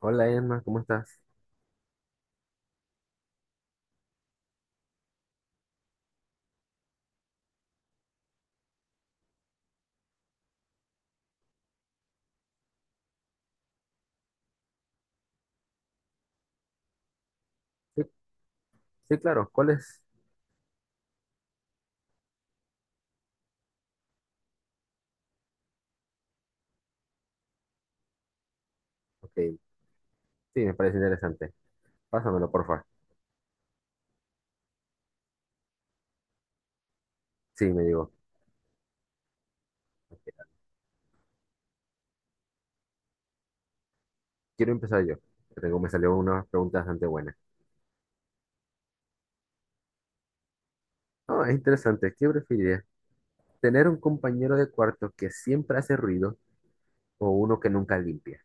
Hola Emma, ¿cómo estás? Sí, sí, claro, ¿cuál es? Ok, sí, me parece interesante. Pásamelo, porfa. Sí, me digo. Quiero empezar yo. Que Tengo, me salió una pregunta bastante buena. Ah, es interesante. ¿Qué preferirías? ¿Tener un compañero de cuarto que siempre hace ruido o uno que nunca limpia?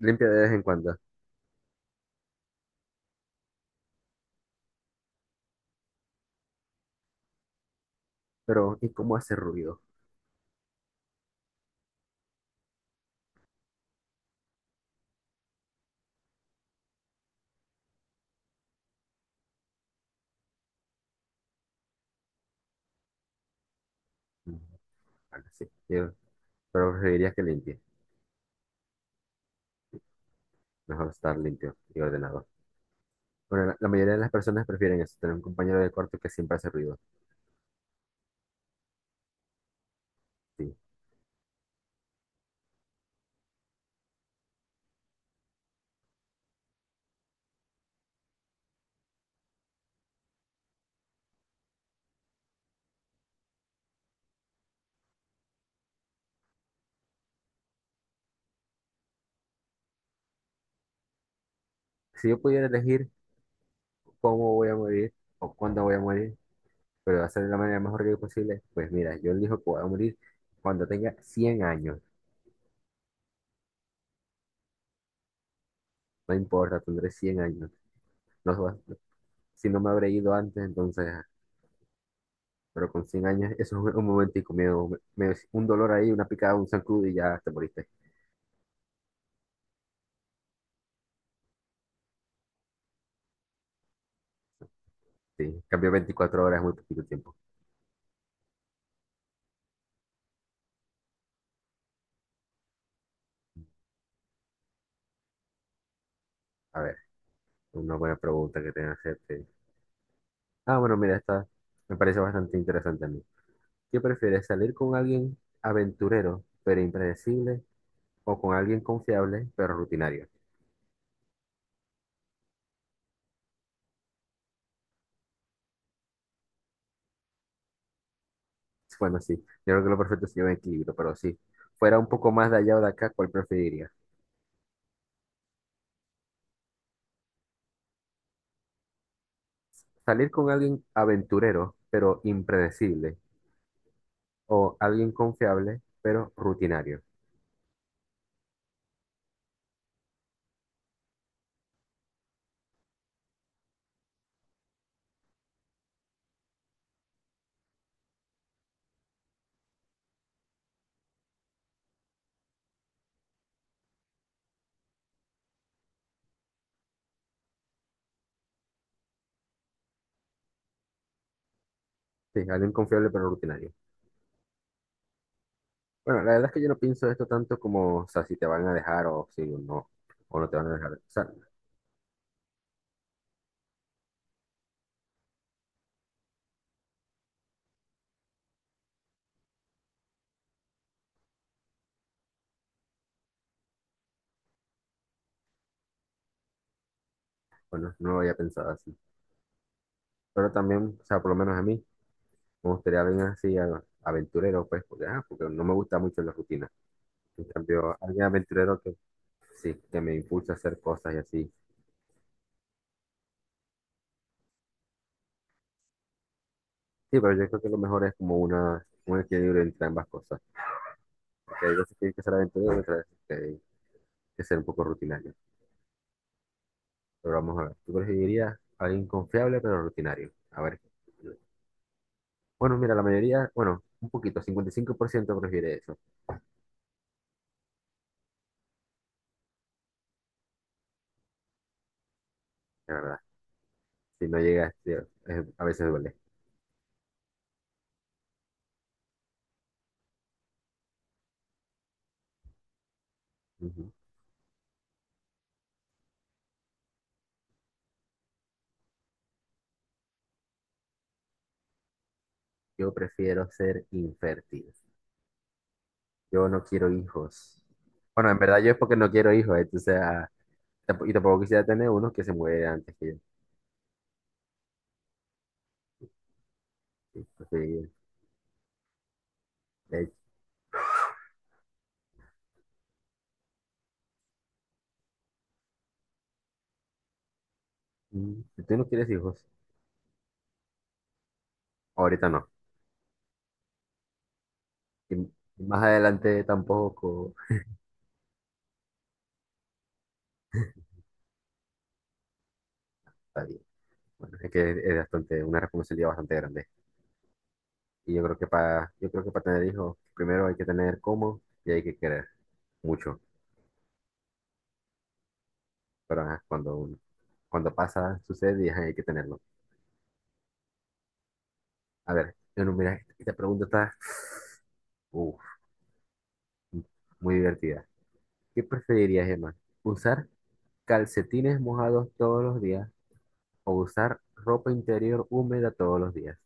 Limpia de vez en cuando, pero ¿y cómo hace ruido? Mm, bueno, sí, pero preferirías que limpie. Mejor estar limpio y ordenado. Bueno, la mayoría de las personas prefieren eso, tener un compañero de cuarto que siempre hace ruido. Sí. Si yo pudiera elegir cómo voy a morir o cuándo voy a morir, pero va a ser de la manera más horrible posible. Pues mira, yo elijo que voy a morir cuando tenga 100 años. No importa, tendré 100 años. No, si no me habré ido antes, entonces, pero con 100 años, eso es un momentico, medio, un dolor ahí, una picada, un zancudo y ya te moriste. Sí, cambió 24 horas, es muy poquito tiempo. A ver, una buena pregunta que tenga que hacerte. Ah, bueno, mira, esta me parece bastante interesante a mí. ¿Qué prefieres, salir con alguien aventurero pero impredecible o con alguien confiable, pero rutinario? Bueno, sí, yo creo que lo perfecto se lleva en equilibrio, pero sí, fuera un poco más de allá o de acá, ¿cuál preferiría? Salir con alguien aventurero, pero impredecible, o alguien confiable, pero rutinario. Sí, alguien confiable, pero rutinario. Bueno, la verdad es que yo no pienso esto tanto como, o sea, si te van a dejar o si no, o no te van a dejar. O sea, bueno, no lo había pensado así. Pero también, o sea, por lo menos a mí, me gustaría alguien así, aventurero, pues, porque no me gusta mucho la rutina. En cambio, alguien aventurero que sí, que me impulsa a hacer cosas y así. Sí, pero yo creo que lo mejor es como un equilibrio entre ambas cosas. Porque hay veces que hay que ser aventurero y otras veces que hay que ser un poco rutinario. Pero vamos a ver, tú preferirías a alguien confiable pero rutinario. A ver. Bueno, mira, la mayoría, bueno, un poquito, 55% prefiere eso, la verdad. Si no llegas, tío, a veces duele. Ujú. Yo prefiero ser infértil. Yo no quiero hijos. Bueno, en verdad yo es porque no quiero hijos, entonces y tampoco quisiera tener uno que se muere antes que yo. Sí, porque, de hecho, si tú no quieres hijos, ahorita no. Y m- y más adelante tampoco. Está bien. Bueno, es que es bastante, una responsabilidad bastante grande. Y yo creo que para, yo creo que para tener hijos, primero hay que tener cómo y hay que querer mucho. Pero ajá, cuando pasa, sucede y ajá, hay que tenerlo. A ver, yo no, mira, esta pregunta está uf, muy divertida. ¿Qué preferirías, Emma? ¿Usar calcetines mojados todos los días, o usar ropa interior húmeda todos los días?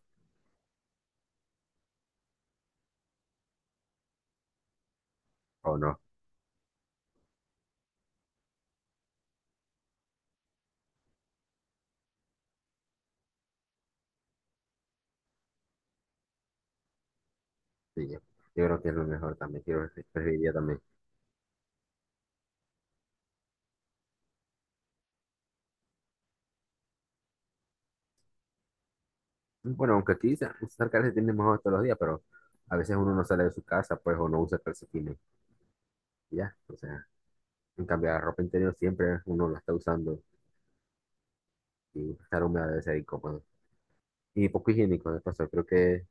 O no, sí, yo creo que es lo mejor también, quiero preferiría también. Bueno, aunque aquí usar calcetines mejor todos los días, pero a veces uno no sale de su casa, pues, o no usa calcetines, y ya. O sea, en cambio, la ropa interior siempre uno la está usando y estar húmeda debe ser incómodo. Y poco higiénico, de paso, creo que,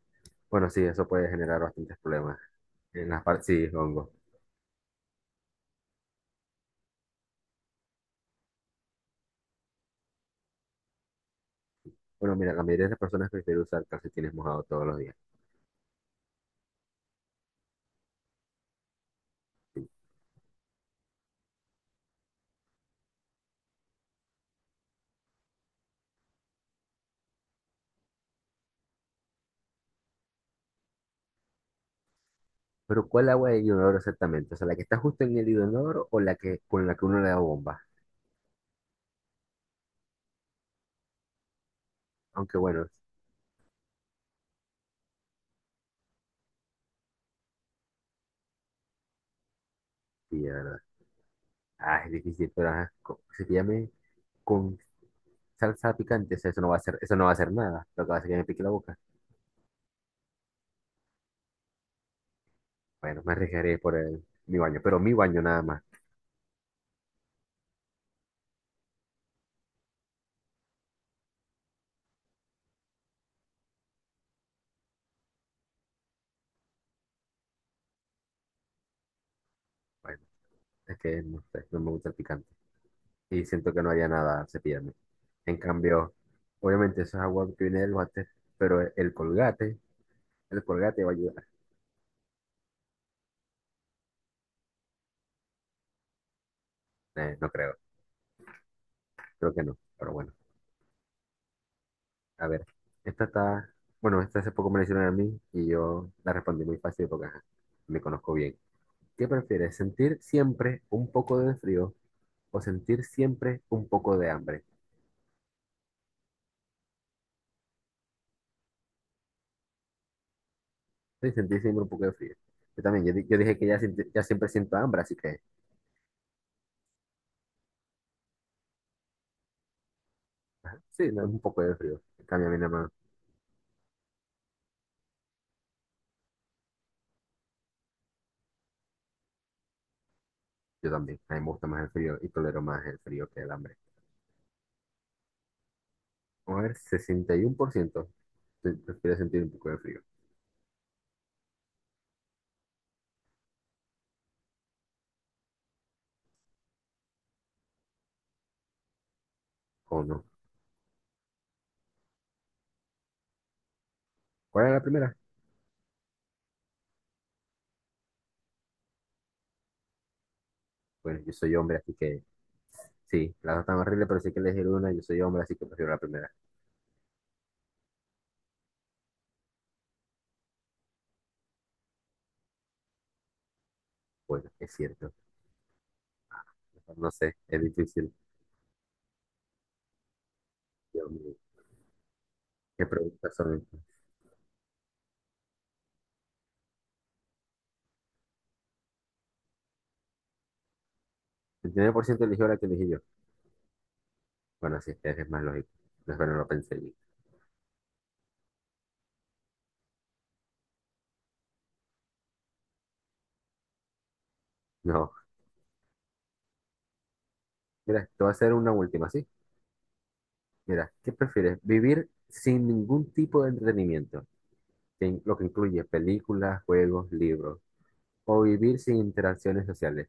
bueno, sí, eso puede generar bastantes problemas en las partes, sí, hongo. Bueno, mira, la mayoría de las personas prefieren usar calcetines mojados todos los días. Pero ¿cuál agua de inodoro exactamente? O sea, la que está justo en el inodoro o la que con la que uno le da bomba. Aunque bueno, sí, de verdad. Ah, es difícil, pero ajá, si te llame con salsa picante, o sea, eso no va a hacer, eso no va a hacer nada. Lo que va a hacer es que me pique la boca. Bueno, me arriesgaré por mi baño, pero mi baño nada más. Bueno, es que no sé, no me gusta el picante. Y siento que no haría nada al cepillarme. En cambio, obviamente eso es agua que viene del váter, pero el Colgate va a ayudar. No creo, creo que no, pero bueno. A ver, esta está, bueno, esta hace poco me la hicieron a mí y yo la respondí muy fácil porque ajá, me conozco bien. ¿Qué prefieres, sentir siempre un poco de frío o sentir siempre un poco de hambre? Sí, sentir siempre un poco de frío. Yo también, yo dije que ya, ya siempre siento hambre, así que sí, no, es un poco de frío. En cambio, a mí nada más, yo también, a mí me gusta más el frío y tolero más el frío que el hambre. Vamos a ver, 61% prefiere sentir un poco de frío. ¿O no? ¿Cuál era la primera? Bueno, yo soy hombre, así que sí, las dos están horribles, pero sí que elegir una, yo soy hombre, así que prefiero la primera. Bueno, es cierto. No sé, es difícil. Dios mío, ¿qué preguntas son estas? El 29% eligió la que elegí yo. Bueno, sí, es más lógico. No, pero no lo pensé bien. No, mira, te voy a hacer una última, ¿sí? Mira, ¿qué prefieres? ¿Vivir sin ningún tipo de entretenimiento, lo que incluye películas, juegos, libros? ¿O vivir sin interacciones sociales?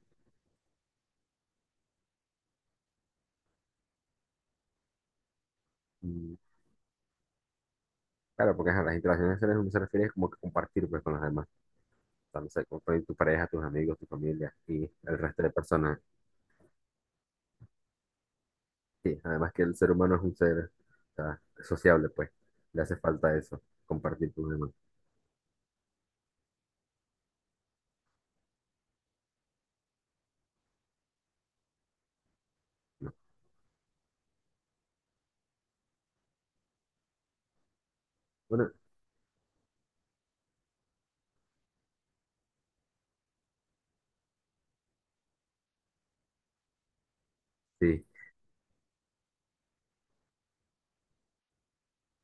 Mm, claro, porque ajá, las interacciones sociales no se refiere como que compartir pues, con los demás. Sea, no sé, con tu pareja, tus amigos, tu familia y el resto de personas. Sí, además que el ser humano es un ser, o sea, sociable, pues. Le hace falta eso, compartir con los demás, ¿no? Bueno, sí.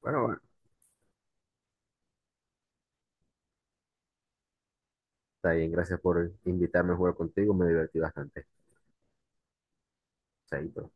Bueno, bueno, está bien. Gracias por invitarme a jugar contigo. Me divertí bastante. Chaito.